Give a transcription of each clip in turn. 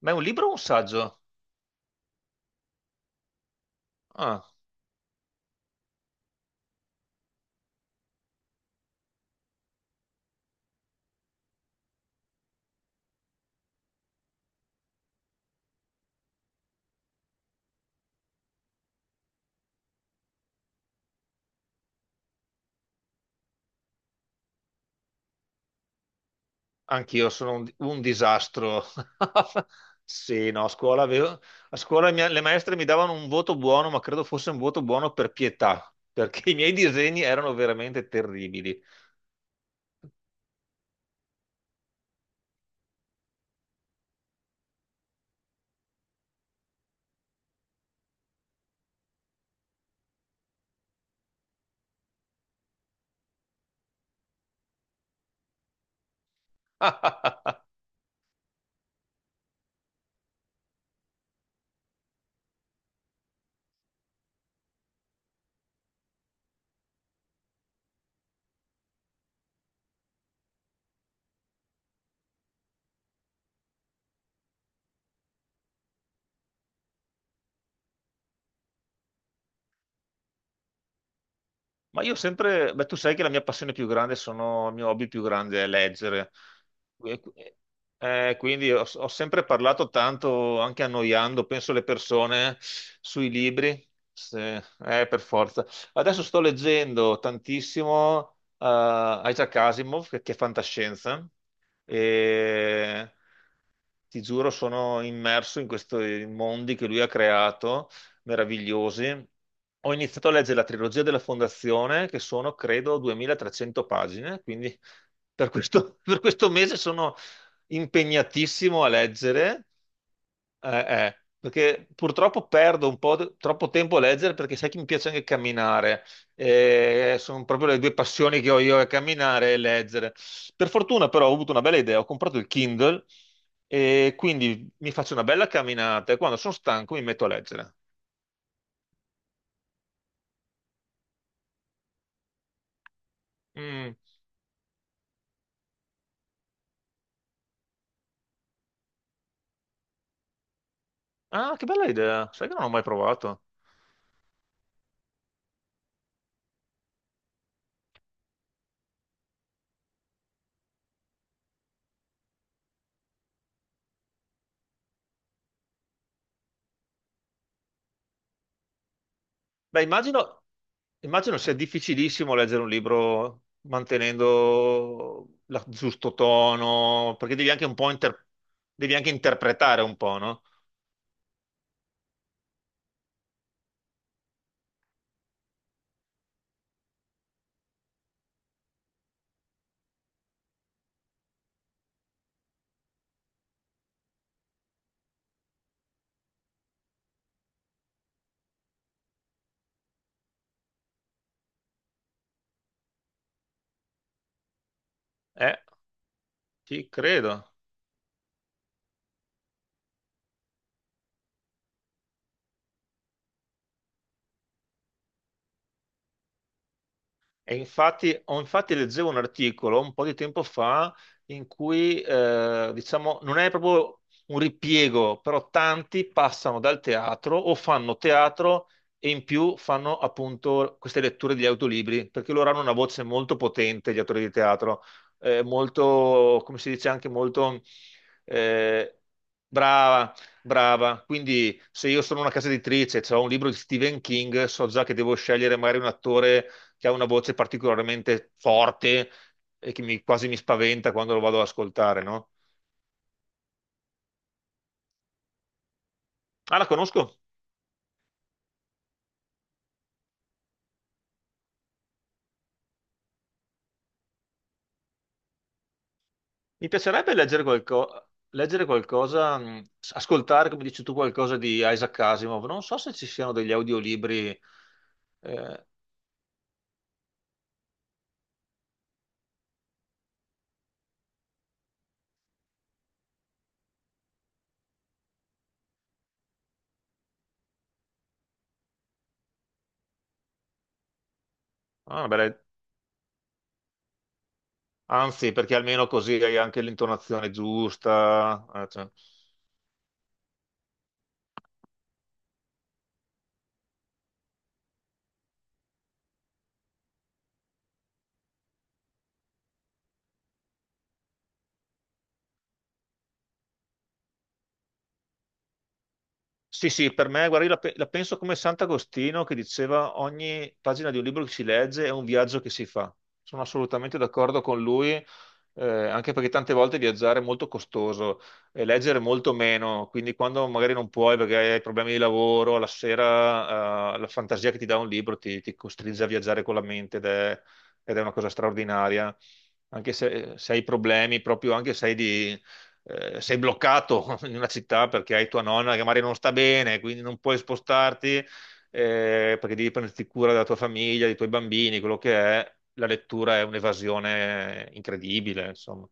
Ma è un libro o un saggio? Ah, anch'io sono un disastro. Sì, no, a scuola, le maestre mi davano un voto buono, ma credo fosse un voto buono per pietà, perché i miei disegni erano veramente terribili. Ma io ho sempre, beh, tu sai che la mia passione più grande sono, il mio hobby più grande è leggere. E- quindi ho sempre parlato tanto, anche annoiando, penso le persone sui libri, se- per forza. Adesso sto leggendo tantissimo Isaac Asimov, che è fantascienza, e ti giuro, sono immerso in questi mondi che lui ha creato, meravigliosi. Ho iniziato a leggere la trilogia della Fondazione, che sono, credo, 2.300 pagine, quindi per questo, per questo mese sono impegnatissimo a leggere. Perché purtroppo perdo un po' troppo tempo a leggere perché sai che mi piace anche camminare. Sono proprio le due passioni che ho io, è camminare e leggere. Per fortuna però ho avuto una bella idea, ho comprato il Kindle e quindi mi faccio una bella camminata e quando sono stanco mi metto a leggere. Mm. Ah, che bella idea, sai che non ho mai provato. Beh, immagino sia difficilissimo leggere un libro mantenendo il giusto tono, perché devi anche interpretare un po', no? Eh, ci credo. E infatti leggevo un articolo un po' di tempo fa in cui, diciamo, non è proprio un ripiego, però tanti passano dal teatro o fanno teatro e in più fanno appunto queste letture di autolibri, perché loro hanno una voce molto potente, gli attori di teatro, molto, come si dice, anche molto eh, brava. Brava, quindi se io sono una casa editrice e ho un libro di Stephen King, so già che devo scegliere magari un attore che ha una voce particolarmente forte e che quasi mi spaventa quando lo vado ad ascoltare, no? Ah, la conosco. Mi piacerebbe leggere qualcosa, ascoltare, come dici tu, qualcosa di Isaac Asimov. Non so se ci siano degli audiolibri. eh, ah, una bella- Anzi, perché almeno così hai anche l'intonazione giusta. Cioè. Sì, sì, per me, guarda, io la penso come Sant'Agostino che diceva ogni pagina di un libro che si legge è un viaggio che si fa. Sono assolutamente d'accordo con lui, anche perché tante volte viaggiare è molto costoso e leggere molto meno, quindi quando magari non puoi perché hai problemi di lavoro, la sera, la fantasia che ti dà un libro ti costringe a viaggiare con la mente ed è una cosa straordinaria, anche se hai problemi, proprio anche se hai di sei bloccato in una città perché hai tua nonna che magari non sta bene, quindi non puoi spostarti, perché devi prenderti cura della tua famiglia, dei tuoi bambini, quello che è. La lettura è un'evasione incredibile, insomma.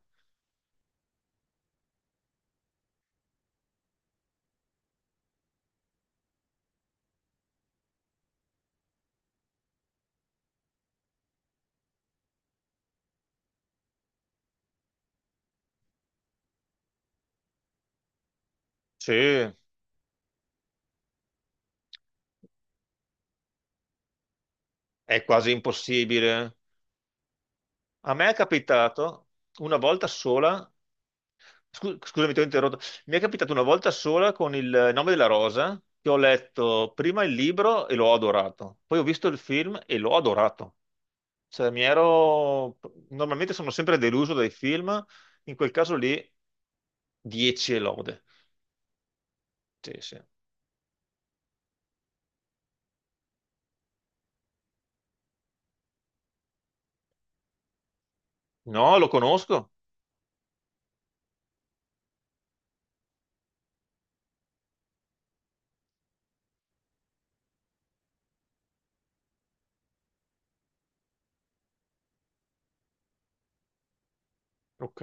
Sì, è quasi impossibile. A me è capitato una volta sola, scusami, ti ho interrotto. Mi è capitato una volta sola con Il nome della rosa, che ho letto prima il libro e l'ho adorato, poi ho visto il film e l'ho adorato. Cioè, mi ero. Normalmente sono sempre deluso dai film, in quel caso lì 10 e lode. Sì, sì. No, lo conosco. Ok.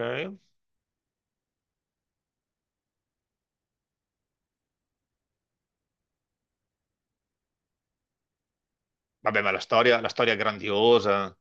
Vabbè, ma la storia è grandiosa.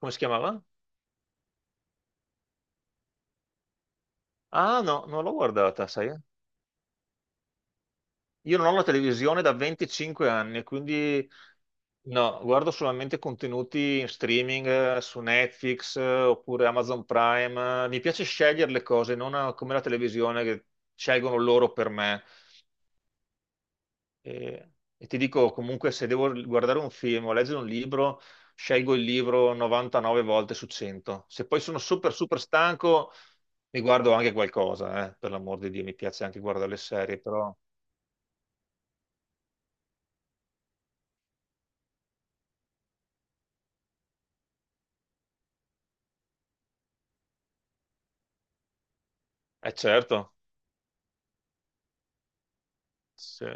Come si chiamava? Ah, no, non l'ho guardata, sai? Io non ho la televisione da 25 anni, quindi no, guardo solamente contenuti in streaming, su Netflix, oppure Amazon Prime. Mi piace scegliere le cose, non come la televisione che scelgono loro per me. E ti dico comunque, se devo guardare un film o leggere un libro, scelgo il libro 99 volte su 100. Se poi sono super, super stanco, mi guardo anche qualcosa, per l'amor di Dio, mi piace anche guardare le serie, però è certo. Sì.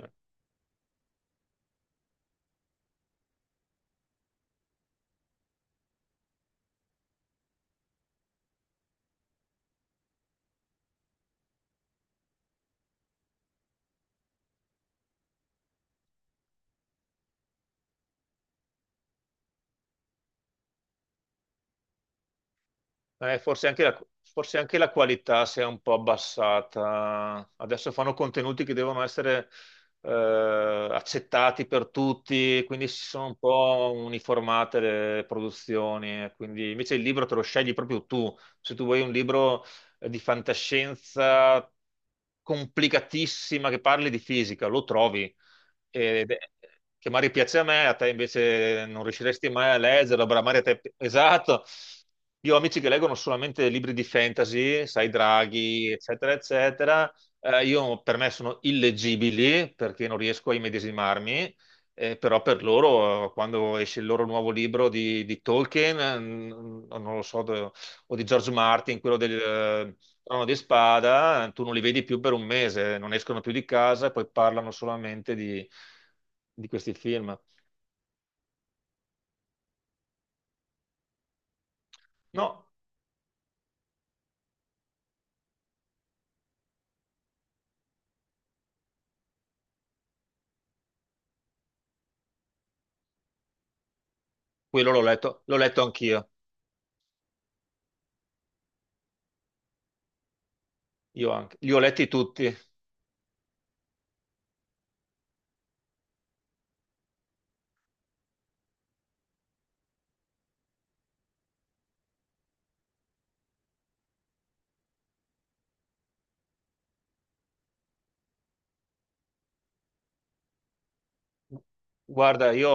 Eh, forse anche la, forse anche la qualità si è un po' abbassata. Adesso fanno contenuti che devono essere accettati per tutti, quindi si sono un po' uniformate le produzioni. Quindi invece il libro te lo scegli proprio tu. Se tu vuoi un libro di fantascienza complicatissima che parli di fisica, lo trovi. E- che magari piace a me, a te invece non riusciresti mai a leggerlo, però magari a te. Esatto. Io ho amici che leggono solamente libri di fantasy, sai, draghi, eccetera, eccetera. Io per me sono illeggibili perché non riesco a immedesimarmi. Però per loro, quando esce il loro nuovo libro di Tolkien, non lo so, o di George Martin, quello del, sono di spada, tu non li vedi più per un mese, non escono più di casa e poi parlano solamente di questi film. No, quello l'ho letto anch'io, io anche. Li ho letti tutti. Guarda, io.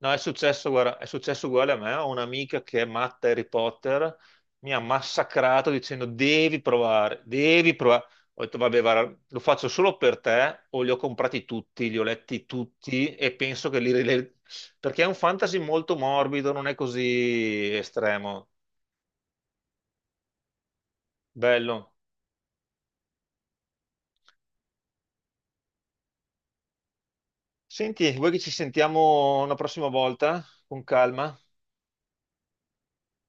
No, è successo, guarda, è successo uguale a me. Ho un'amica che è matta Harry Potter, mi ha massacrato dicendo devi provare, devi provare. Ho detto, vabbè, guarda, lo faccio solo per te, o li ho comprati tutti, li ho letti tutti e penso che. Perché è un fantasy molto morbido, non è così estremo. Bello. Senti, vuoi che ci sentiamo una prossima volta? Con calma?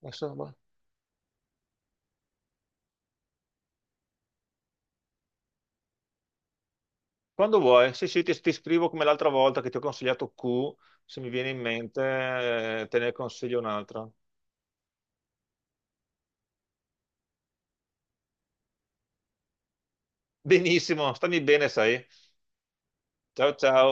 Boh. Quando vuoi, sì, sì, ti scrivo come l'altra volta che ti ho consigliato Q, se mi viene in mente, te ne consiglio un'altra. Benissimo, stammi bene, sai. Ciao ciao.